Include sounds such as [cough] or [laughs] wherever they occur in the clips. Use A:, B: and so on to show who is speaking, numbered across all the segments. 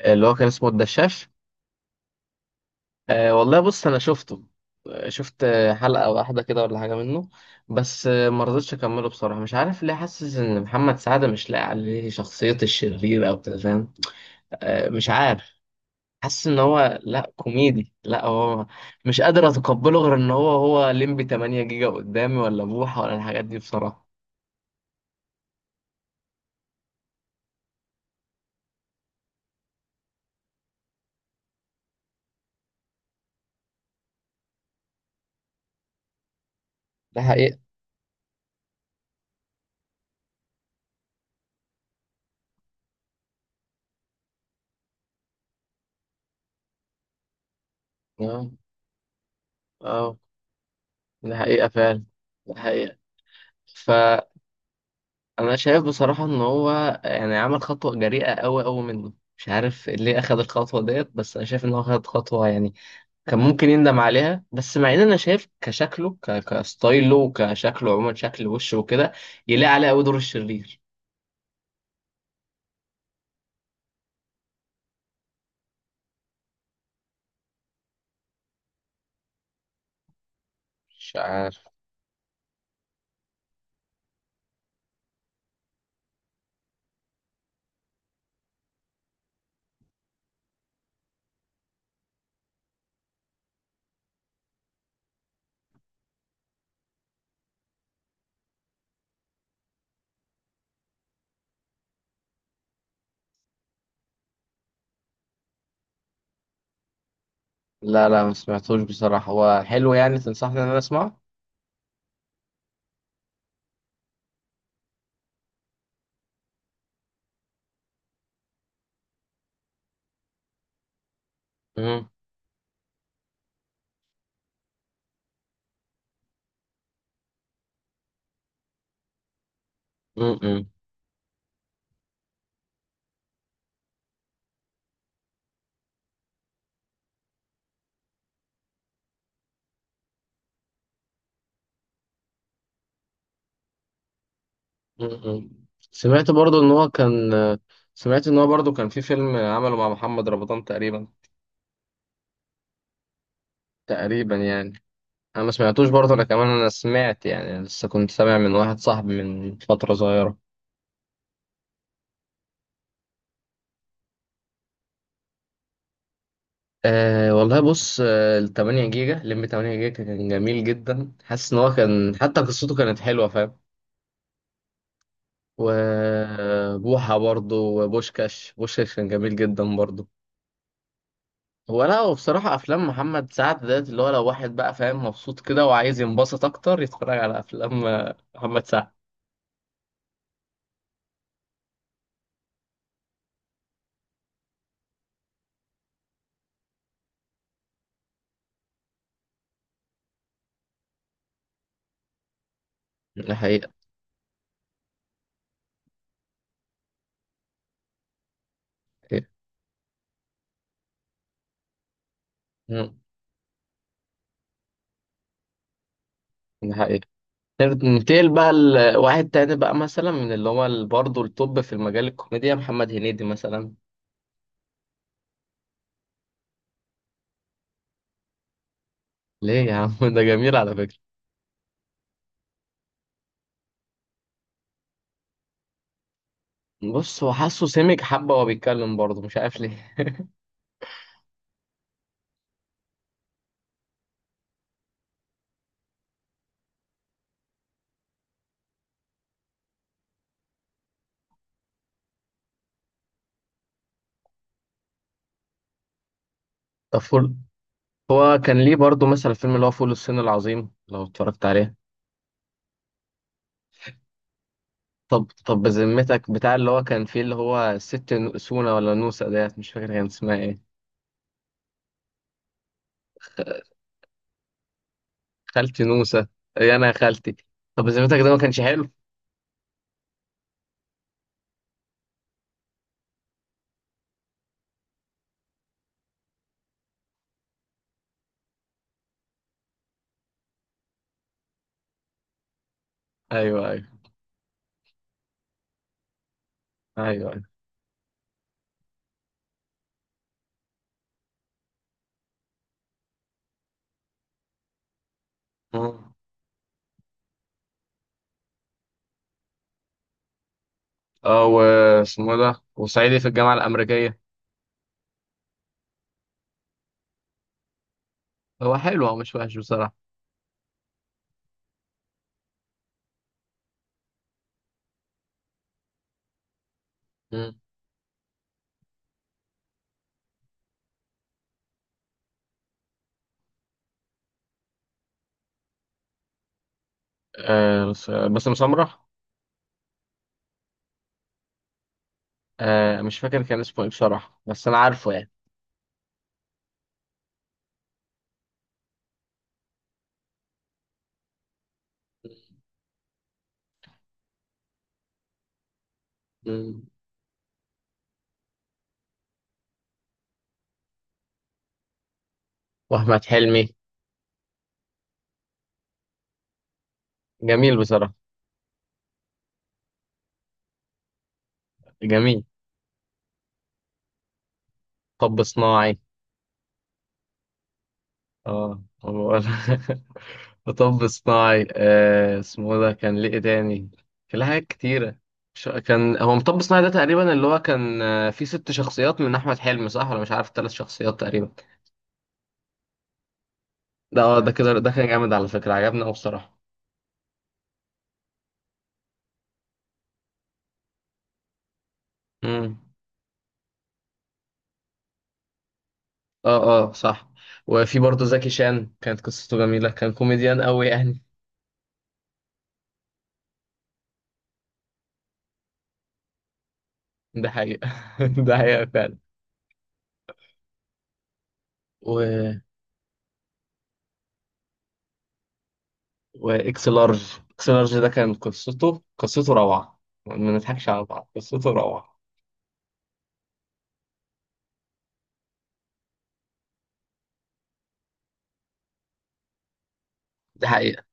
A: اللي هو كان اسمه الدشاش. أه، والله بص انا شفته. آه، شفت، حلقة واحدة كده ولا حاجة منه. بس ما رضيتش اكمله بصراحة، مش عارف ليه، حاسس ان محمد سعد مش لاقي عليه شخصية الشرير او كده، فاهم؟ مش عارف. حاسس ان هو لا كوميدي لا هو، مش قادر اتقبله غير ان هو ليمبي 8 جيجا قدامي، ولا بوحة، ولا الحاجات دي بصراحة. ده حقيقة. اه، اه، ده حقيقة فعلا. ده حقيقة. ف انا شايف بصراحة ان هو يعني عمل خطوة جريئة قوي قوي منه، مش عارف ليه اخد الخطوة ديت، بس انا شايف ان هو اخد خطوة يعني كان ممكن يندم عليها. بس مع ان انا شايف كشكله كستايله وكشكله عموما، شكل وشه وكده، يلاقي عليه قوي دور الشرير. مش عارف. لا، لا، ما سمعتوش بصراحة، هو حلو يعني؟ تنصحني ان انا اسمعه؟ مم. مم. مم. مم. سمعت برضو ان هو كان سمعت ان هو برضو كان في فيلم عمله مع محمد رمضان تقريبا. تقريبا يعني. انا ما سمعتوش برضه، انا كمان انا سمعت يعني لسه كنت سامع من واحد صاحبي من فترة صغيرة. أه، والله بص، ال 8 جيجا لم 8 جيجا كان جميل جدا، حاسس ان هو كان حتى قصته كانت حلوة، فاهم؟ وبوحة برضه، وبوشكاش كان جميل جدا برضه. هو لا هو بصراحة، أفلام محمد سعد ديت اللي هو، لو واحد بقى فاهم مبسوط كده وعايز ينبسط أكتر، يتفرج على أفلام محمد سعد. ده حقيقة. ده حقيقة. ننتقل بقى لواحد تاني بقى، مثلا، من اللي هو برضه التوب في المجال الكوميديا، محمد هنيدي مثلا. ليه يا عم؟ [laughs] ده جميل على فكرة. بص، هو حاسه سمج حبة وهو بيتكلم برضه، مش عارف ليه. طب، هو كان ليه برضه مثلا الفيلم اللي هو فول الصين العظيم لو اتفرجت عليه؟ طب بذمتك، بتاع اللي هو كان فيه اللي هو الست سونا، ولا نوسة ديت؟ مش فاكر كان اسمها ايه. خالتي نوسة. ايه، انا يا خالتي. طب بذمتك، ده ما كانش حلو؟ ايوه، ايوه. ايوه، ايوه. اه، واسمه ده، وصعيدي في الجامعة الأمريكية. هو حلو، هو مش وحش بصراحة. مم. بس، مسمرح. مش فاكر كان اسمه ايه بصراحة، بس أنا عارفه يعني. مم. وأحمد حلمي. جميل بصراحة. جميل. طب صناعي. اه هو- [laughs] طب صناعي، اسمه ده كان ليه إيه تاني؟ كان ليه حاجات كتيرة. كان هو مطب صناعي ده تقريبا اللي هو كان، فيه 6 شخصيات من أحمد حلمي، صح؟ ولا مش عارف، 3 شخصيات تقريبا. ده اه ده كده ده كان جامد على فكرة، عجبني أوي بصراحة. امم اه، اه، صح. وفي برضه زكي شان كانت قصته جميلة، كان كوميديان أوي يعني. ده حقيقة. [laughs] ده حقيقة فعلا. و... وإكس لارج ده كان قصته روعة. ما نضحكش على بعض، قصته روعة. ده حقيقة.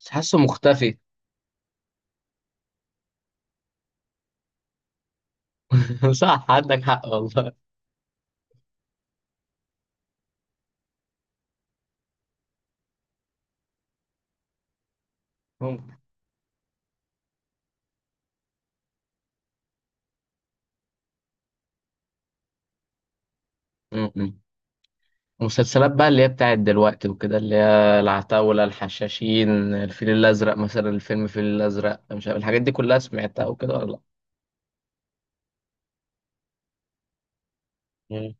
A: بس حاسه مختفي. [laughs] صح، عندك حق والله. ممكن. م- م. مسلسلات بقى اللي هي بتاعت دلوقتي وكده، اللي هي العتاولة، الحشاشين. الفيل الأزرق مثلا، الفيل الأزرق، مش عارف الحاجات دي كلها سمعتها وكده ولا لأ؟ مم.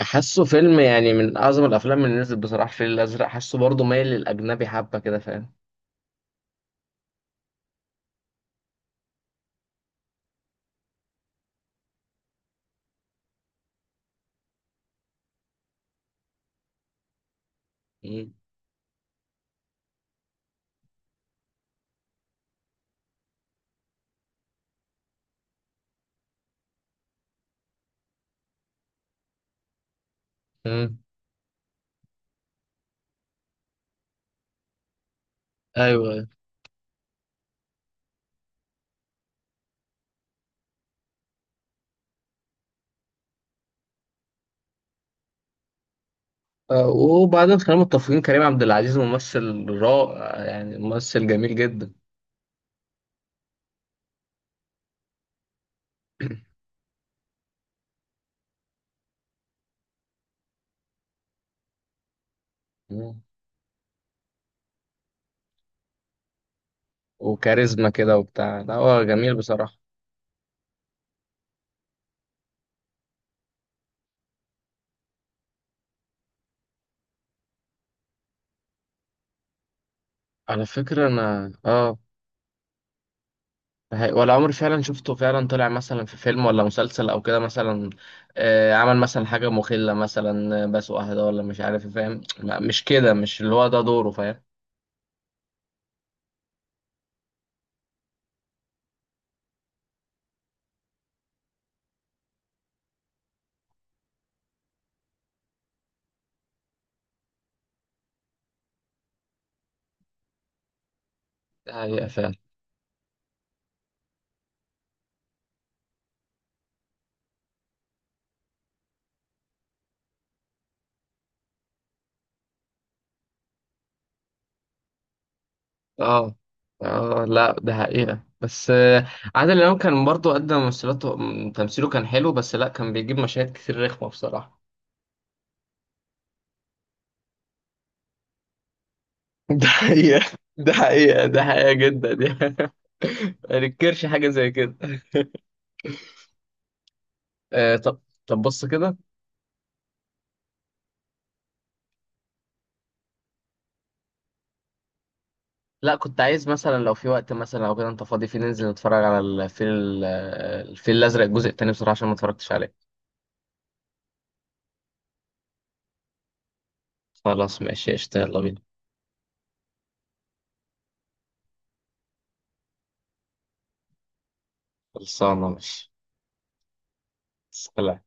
A: حاسه فيلم يعني من أعظم الأفلام اللي نزلت بصراحة، الفيل الأزرق حاسه برضه مايل للأجنبي حبة كده، فاهم؟ مم. مم. ايوه، أيوة. وبعدين خلينا متفقين، كريم عبد العزيز ممثل رائع يعني، ممثل جميل جدا. [clears throat] مم. وكاريزما كده وبتاع، لا هو جميل بصراحة. على فكرة أنا ولا عمري فعلا شفته، فعلا طلع مثلا في فيلم ولا مسلسل او كده مثلا. عمل مثلا حاجة مخلة مثلا، بسوق أهدى ولا مش عارف إيه، فاهم؟ مش كده، مش اللي هو ده دوره، فاهم؟ ده حقيقة فعلا. اه، اه، لا ده حقيقة بس، عادل إمام كان برضه قدم ممثلاته، تمثيله كان حلو، بس لا كان بيجيب مشاهد كتير رخمة بصراحة. [laughs] ده حقيقة. ده حقيقة، ده حقيقة جدا يعني. [laughs] ما ننكرش حاجة زي كده. طب، طب بص كده. لا، كنت عايز مثلا لو في وقت مثلا او كده انت فاضي فيه، ننزل نتفرج على الفيل الازرق الجزء التاني بصراحه، عشان ما اتفرجتش عليه. خلاص ماشي قشطة، يلا بينا. خلصانه ماشي. سلام.